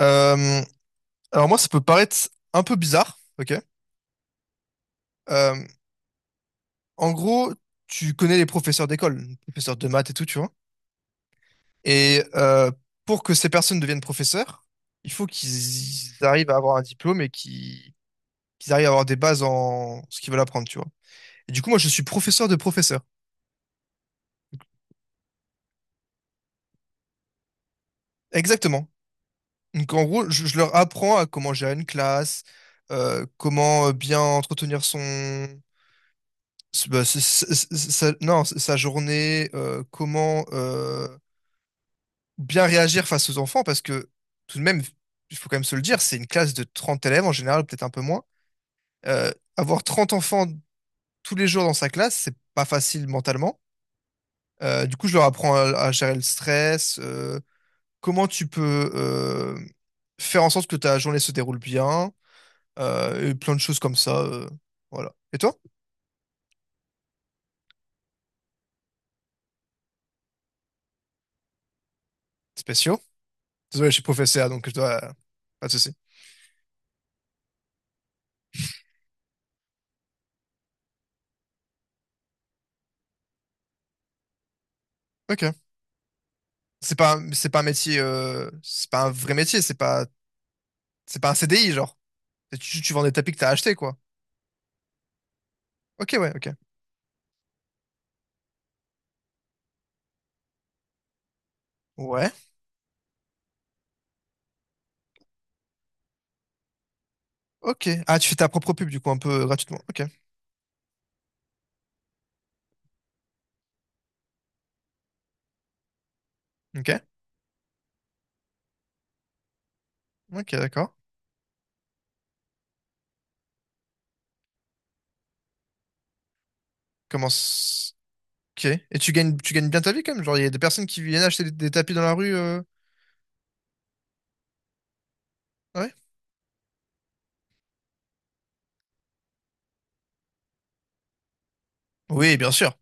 Euh, alors moi, ça peut paraître un peu bizarre, ok? Euh, En gros, tu connais les professeurs d'école, les professeurs de maths et tout, tu vois. Et pour que ces personnes deviennent professeurs, il faut qu'ils arrivent à avoir un diplôme et qu'ils arrivent à avoir des bases en ce qu'ils veulent apprendre, tu vois. Et du coup, moi, je suis professeur de professeurs. Exactement. Donc en gros, je leur apprends à comment gérer une classe, comment bien entretenir son c'est- bah, c'est- sa- non, c'est sa journée, comment bien réagir face aux enfants, parce que tout de même, il faut quand même se le dire, c'est une classe de 30 élèves en général, peut-être un peu moins. Euh, Avoir 30 enfants tous les jours dans sa classe, c'est pas facile mentalement. Du coup, je leur apprends à gérer le stress, comment tu peux faire en sorte que ta journée se déroule bien. Et plein de choses comme ça. Voilà. Et toi? Spéciaux? Désolé, je suis professeur, donc je dois... Pas de souci. Ok. C'est pas un métier... C'est pas un vrai métier, c'est pas... C'est pas un CDI, genre. Tu vends des tapis que t'as achetés, quoi. Ok, ouais, ok. Ouais. Ok. Ah, tu fais ta propre pub, du coup, un peu gratuitement. Ok. Ok. Ok, d'accord. Comment... Ok. Et tu gagnes bien ta vie, quand même? Genre, il y a des personnes qui viennent acheter des tapis dans la rue... Ouais. Oui, bien sûr.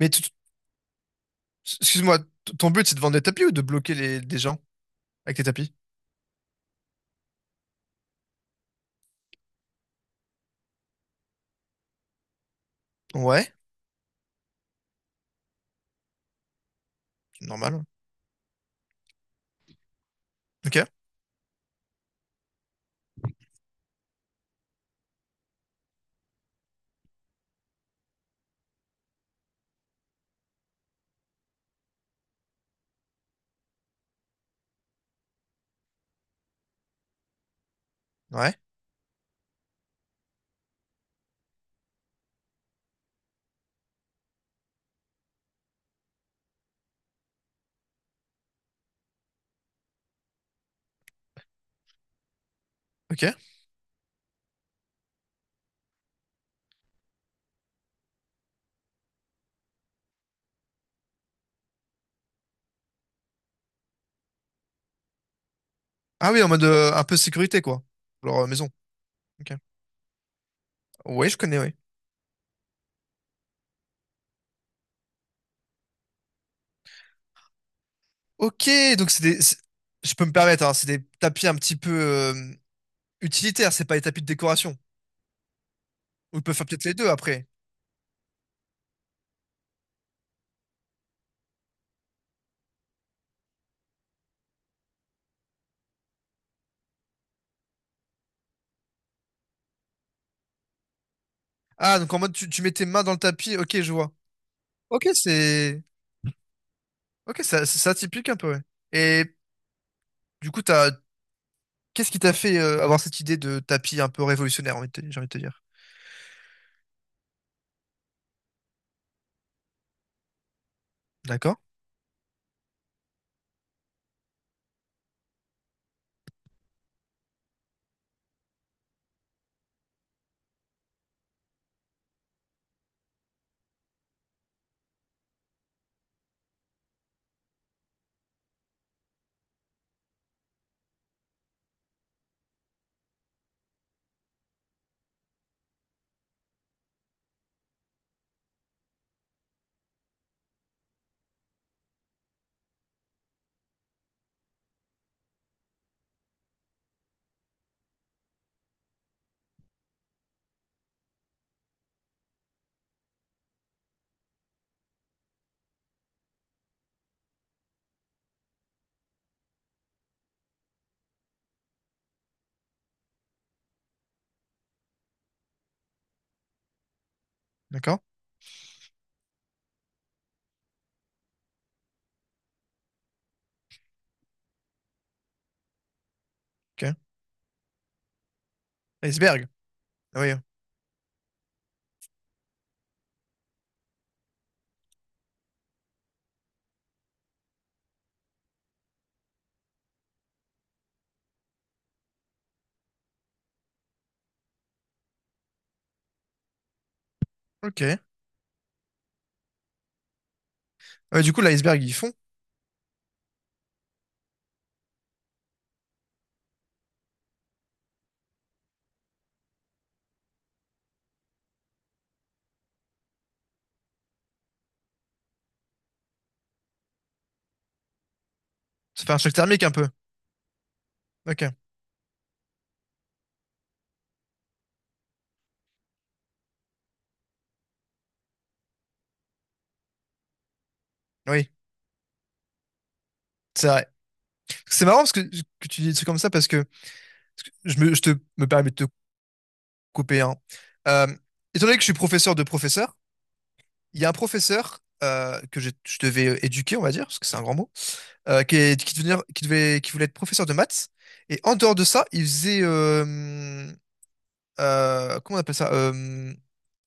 Mais excuse-moi, ton but c'est de vendre des tapis ou de bloquer des gens avec tes tapis? Ouais, c'est normal. Ok, ouais, ok. Ah oui, en mode un peu sécurité quoi, leur maison. Ok. Ouais, je connais, oui. Ok, donc je peux me permettre, hein, c'est des tapis un petit peu utilitaires, c'est pas des tapis de décoration. On peut faire peut-être les deux après. Ah, donc en mode tu mets tes mains dans le tapis, ok, je vois. Ok, c'est, ok, ça- c'est atypique un peu, ouais. Et du coup, qu'est-ce qui t'a fait avoir cette idée de tapis un peu révolutionnaire, j'ai envie de te dire? D'accord? D'accord? Ok. Iceberg. Ah oui. Ok. Ah ouais, du coup, l'iceberg, ils font. Ça fait un choc thermique un peu. Ok. Oui. C'est vrai. C'est marrant parce que tu dis des trucs comme ça parce que je me, je te, me permets de te couper un. Euh, Étant donné que je suis professeur de professeur, il y a un professeur que je devais éduquer, on va dire, parce que c'est un grand mot, qui, est- qui, devenir- qui, devait, qui voulait être professeur de maths. Et en dehors de ça, il faisait, comment on appelle ça?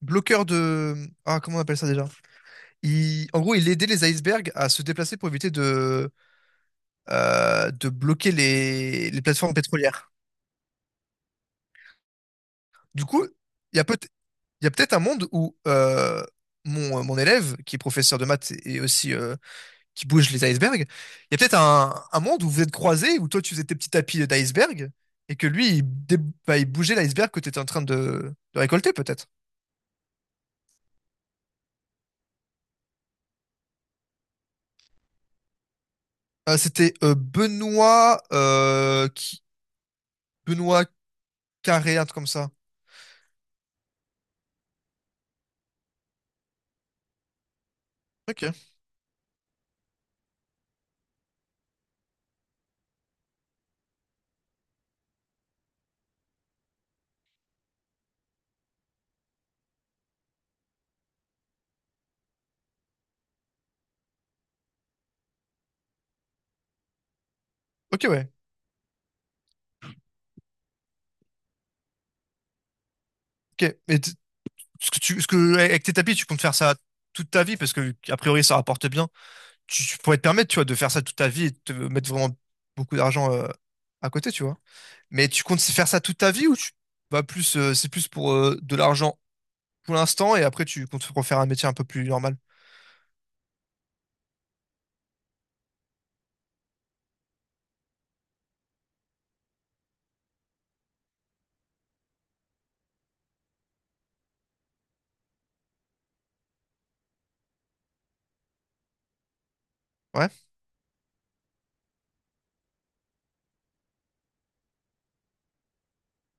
Bloqueur de... Ah, comment on appelle ça déjà? En gros, il aidait les icebergs à se déplacer pour éviter de bloquer les plateformes pétrolières. Du coup, il y a peut il y a peut-être un monde où mon élève, qui est professeur de maths et aussi qui bouge les icebergs, il y a peut-être un monde où vous êtes croisés, où toi tu faisais tes petits tapis d'iceberg et que lui, il bougeait l'iceberg que tu étais en train de récolter peut-être. C'était Benoît, qui... Benoît Carré, un truc comme ça. Ok, ok, ouais. Ok. Mais t- ce que tu, ce que, Avec tes tapis, tu comptes faire ça toute ta vie parce que, a priori, ça rapporte bien. Tu pourrais te permettre, tu vois, de faire ça toute ta vie et de te mettre vraiment beaucoup d'argent à côté, tu vois. Mais tu comptes faire ça toute ta vie ou c'est plus pour de l'argent pour l'instant et après tu comptes refaire un métier un peu plus normal? Ouais,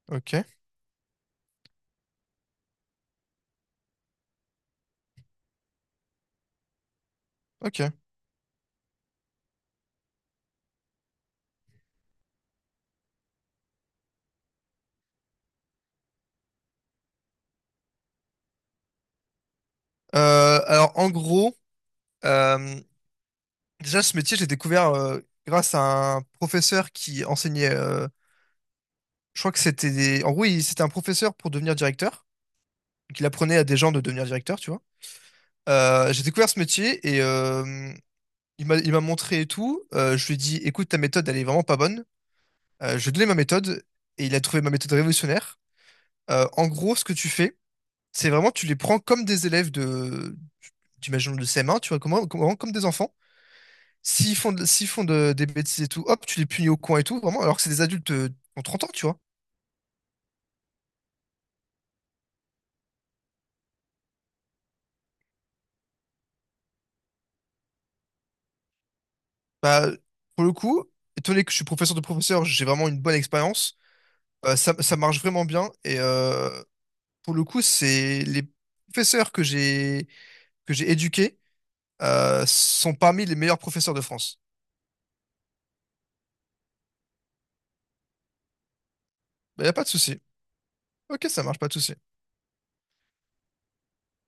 ok, ok. Alors en gros, euh, déjà, ce métier, j'ai découvert grâce à un professeur qui enseignait. Je crois que c'était des. En gros, c'était un professeur pour devenir directeur. Donc, il apprenait à des gens de devenir directeur, tu vois. J'ai découvert ce métier et il m'a montré et tout. Je lui ai dit, écoute, ta méthode, elle est vraiment pas bonne. Je lui ai donné ma méthode et il a trouvé ma méthode révolutionnaire. En gros, ce que tu fais, c'est vraiment, tu les prends comme des élèves de. J'imagine de CM1, tu vois, comme des enfants. S'ils font des bêtises et tout, hop, tu les punis au coin et tout, vraiment, alors que c'est des adultes qui ont 30 ans, tu vois. Bah, pour le coup, étonné que je suis professeur de professeur, j'ai vraiment une bonne expérience. Ça marche vraiment bien. Et pour le coup, c'est les professeurs que j'ai éduqués sont parmi les meilleurs professeurs de France. Il n'y a pas de souci. Ok, ça marche, pas de souci.